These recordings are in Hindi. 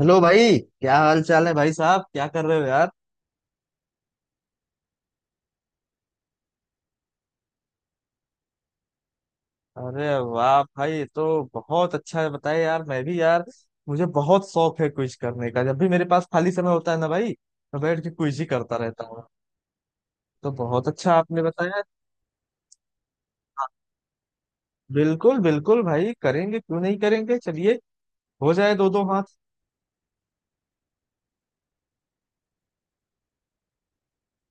हेलो भाई, क्या हाल चाल है? भाई साहब क्या कर रहे हो यार? अरे वाह भाई, ये तो बहुत अच्छा है। बताए यार, मैं भी यार, मुझे बहुत शौक है क्विज करने का। जब भी मेरे पास खाली समय होता है ना भाई, मैं बैठ के क्विज ही करता रहता हूँ। तो बहुत अच्छा आपने बताया। बिल्कुल बिल्कुल भाई, करेंगे क्यों नहीं करेंगे। चलिए हो जाए दो दो हाथ।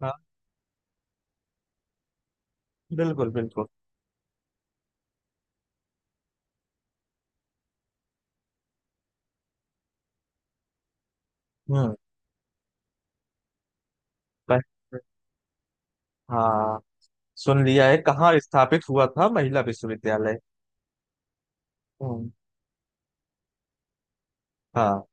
हाँ, बिल्कुल बिल्कुल। हम्म। पह- हाँ, सुन लिया है। कहाँ स्थापित हुआ था महिला विश्वविद्यालय? हम्म। हाँ।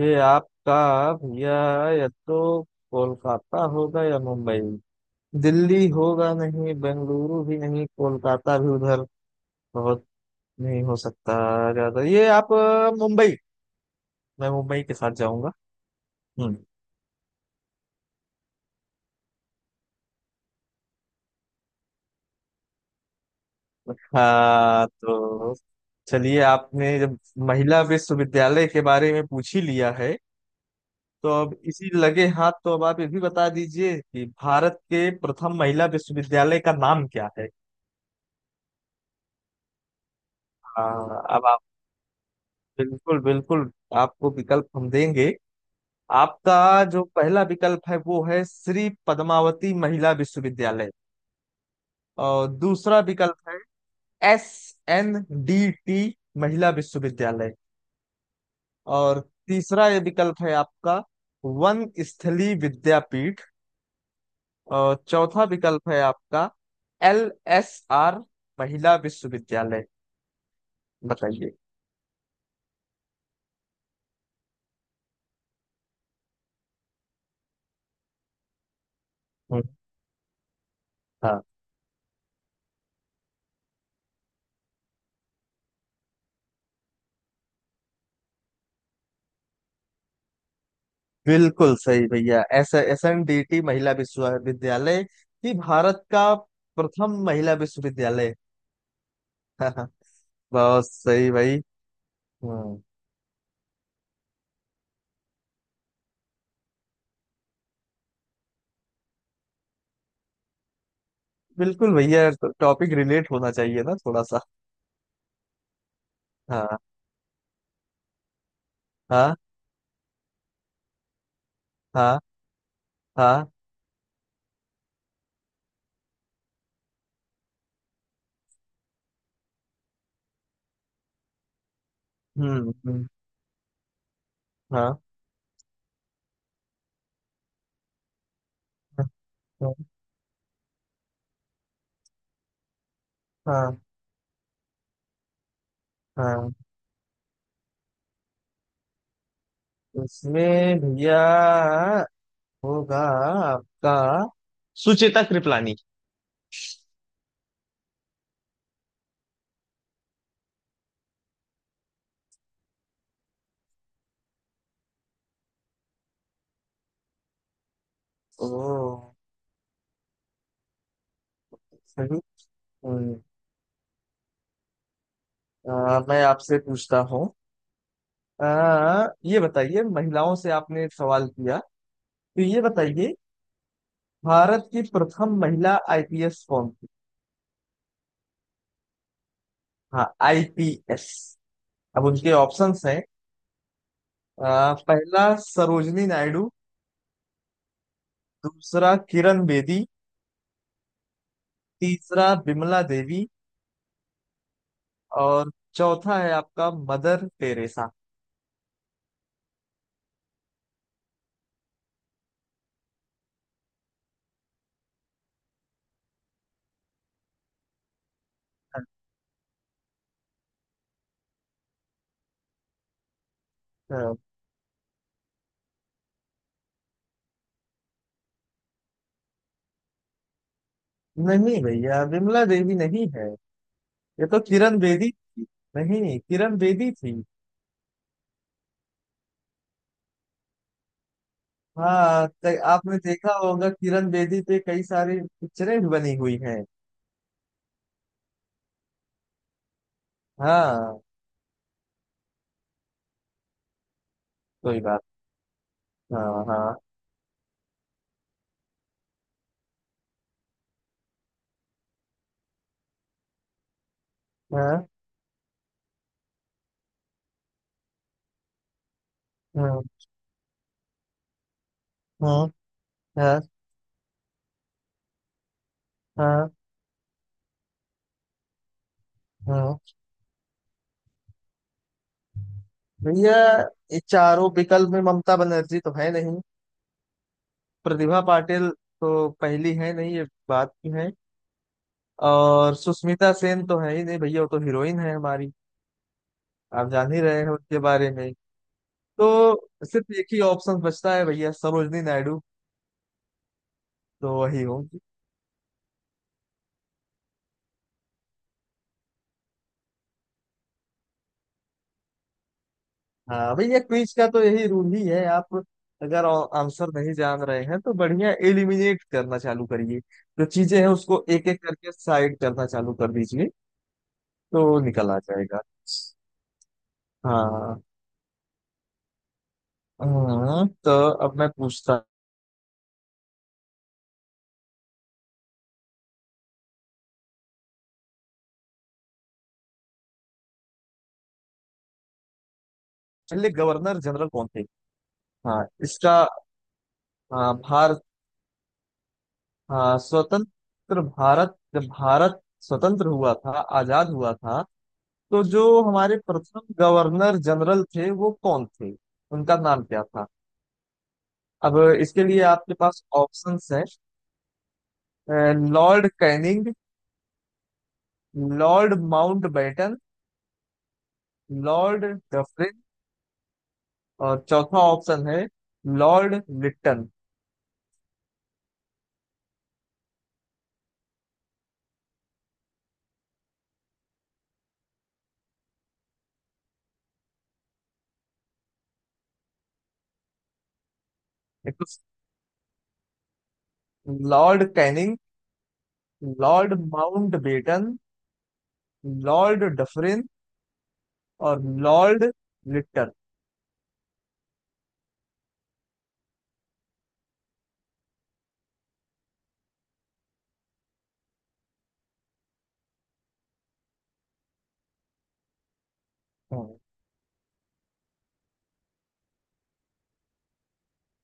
ये आपका भैया, या तो कोलकाता होगा या मुंबई। दिल्ली होगा नहीं, बेंगलुरु भी नहीं, कोलकाता भी उधर बहुत नहीं हो सकता ज्यादा। ये आप मुंबई, मैं मुंबई के साथ जाऊंगा। हम्म। हाँ तो चलिए, आपने जब महिला विश्वविद्यालय के बारे में पूछ ही लिया है, तो अब इसी लगे हाथ तो अब आप ये भी बता दीजिए कि भारत के प्रथम महिला विश्वविद्यालय का नाम क्या है। हाँ, अब बिल्कुल बिल्कुल, आपको विकल्प हम देंगे। आपका जो पहला विकल्प है वो है श्री पद्मावती महिला विश्वविद्यालय। और दूसरा विकल्प है एस एन डी टी महिला विश्वविद्यालय। और तीसरा ये विकल्प है आपका वन स्थली विद्यापीठ। और चौथा विकल्प है आपका एल एस आर महिला विश्वविद्यालय। बताइए। हम्म। हाँ, बिल्कुल सही भैया। S S N D T महिला विश्वविद्यालय ही भारत का प्रथम महिला विश्वविद्यालय। बहुत सही भाई। हम्म। बिल्कुल भैया, टॉपिक रिलेट होना चाहिए ना थोड़ा सा। हाँ हाँ हाँ हाँ। हम्म। हम्म। हाँ हाँ हाँ हाँ। इसमें भैया होगा आपका सुचेता कृपलानी। ओ सही। हम्म। मैं आपसे पूछता हूँ। ये बताइए, महिलाओं से आपने एक सवाल किया, तो ये बताइए भारत की प्रथम महिला आईपीएस कौन थी? हाँ आईपीएस। अब उनके ऑप्शंस हैं। पहला सरोजनी नायडू। दूसरा किरण बेदी। तीसरा बिमला देवी। और चौथा है आपका मदर टेरेसा। अच्छा, नहीं भैया बिमला देवी नहीं है, ये तो किरण बेदी थी। नहीं नहीं, किरण बेदी थी। हाँ, आपने देखा होगा किरण बेदी पे कई सारी पिक्चरें भी बनी हुई हैं। हाँ, कोई बात। हाँ हाँ हाँ हाँ। हाँ हाँ हाँ हाँ। भैया, ये चारों विकल्प में ममता बनर्जी तो है नहीं, प्रतिभा पाटिल तो पहली है नहीं, ये बात की है, और सुष्मिता सेन तो है ही नहीं भैया, वो तो हीरोइन है हमारी, आप जान ही रहे हैं उनके बारे में। तो सिर्फ एक ही ऑप्शन बचता है भैया, सरोजनी नायडू, तो वही हो। हाँ भैया, क्विज का तो यही रूल ही है आप। अगर आंसर नहीं जान रहे हैं तो बढ़िया एलिमिनेट करना चालू करिए। जो चीजें हैं उसको एक एक करके साइड करना चालू कर दीजिए, तो निकल आ जाएगा। हाँ। हाँ, तो अब मैं पूछता। पहले गवर्नर जनरल कौन थे? हाँ इसका। हाँ, भारत। हाँ, स्वतंत्र भारत, जब भारत स्वतंत्र हुआ था, आजाद हुआ था, तो जो हमारे प्रथम गवर्नर जनरल थे वो कौन थे, उनका नाम क्या था? अब इसके लिए आपके पास ऑप्शंस है: Lord Canning, Lord Mountbatten, Lord Dufferin, और चौथा ऑप्शन है लॉर्ड लिट्टन। एक तो Lord Canning, Lord Mountbatten, Lord Dufferin, और लॉर्ड लिट्टन। हाँ,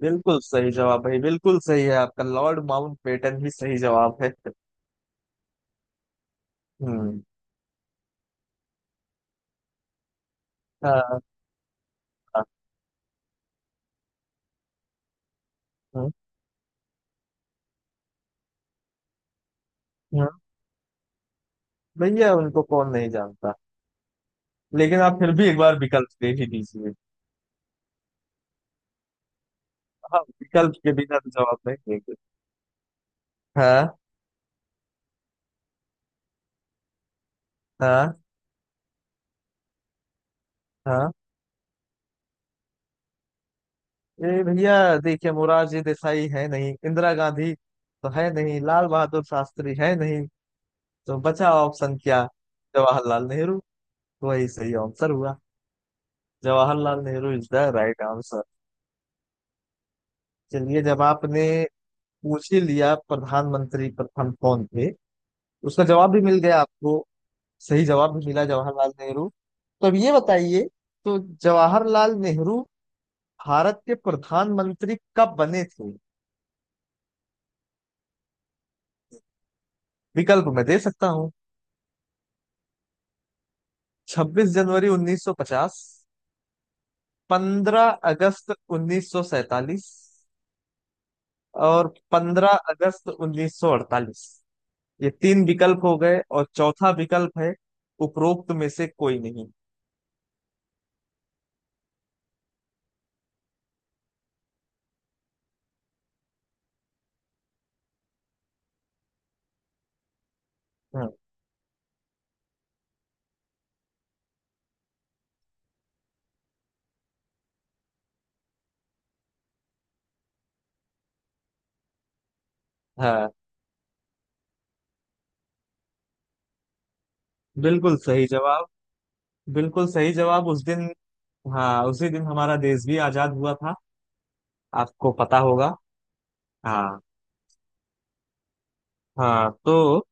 बिल्कुल सही जवाब भाई, बिल्कुल सही है आपका। लॉर्ड माउंटबेटन ही सही जवाब है। हम्म। हाँ। हाँ। हाँ। हाँ, भैया उनको कौन नहीं जानता, लेकिन आप फिर भी एक बार विकल्प दे ही दीजिए। हाँ, विकल्प के बिना तो जवाब नहीं देंगे। हाँ हाँ हाँ। ए भैया, देखिए, मोरारजी देसाई है नहीं, इंदिरा गांधी तो है नहीं, लाल बहादुर शास्त्री है नहीं, तो बचा ऑप्शन क्या? जवाहरलाल नेहरू, वही सही आंसर हुआ। Jawaharlal Nehru is the right answer. चलिए, जब आपने पूछ ही लिया प्रधानमंत्री प्रथम कौन थे, उसका जवाब भी मिल गया आपको, सही जवाब भी मिला जवाहरलाल नेहरू। तो अब ये बताइए, तो जवाहरलाल नेहरू भारत के प्रधानमंत्री कब बने थे? विकल्प मैं दे सकता हूँ। 26 जनवरी 1950, 15 अगस्त 1947, और 15 अगस्त 1948, ये तीन विकल्प हो गए, और चौथा विकल्प है उपरोक्त में से कोई नहीं। हाँ हाँ, बिल्कुल सही जवाब, बिल्कुल सही जवाब। उस दिन, हाँ, उसी दिन हमारा देश भी आजाद हुआ था, आपको पता होगा। हाँ हाँ, तो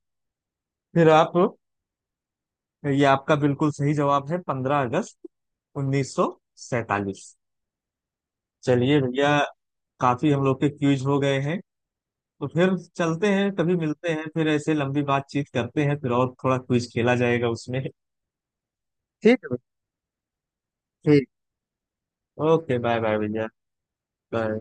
फिर आप, ये आपका बिल्कुल सही जवाब है, 15 अगस्त 1947। चलिए भैया, काफी हम लोग के क्यूज हो गए हैं, तो फिर चलते हैं। कभी मिलते हैं फिर, ऐसे लंबी बातचीत करते हैं फिर, और थोड़ा क्विज खेला जाएगा उसमें। ठीक है भाई। ठीक। ओके बाय बाय भैया। बाय।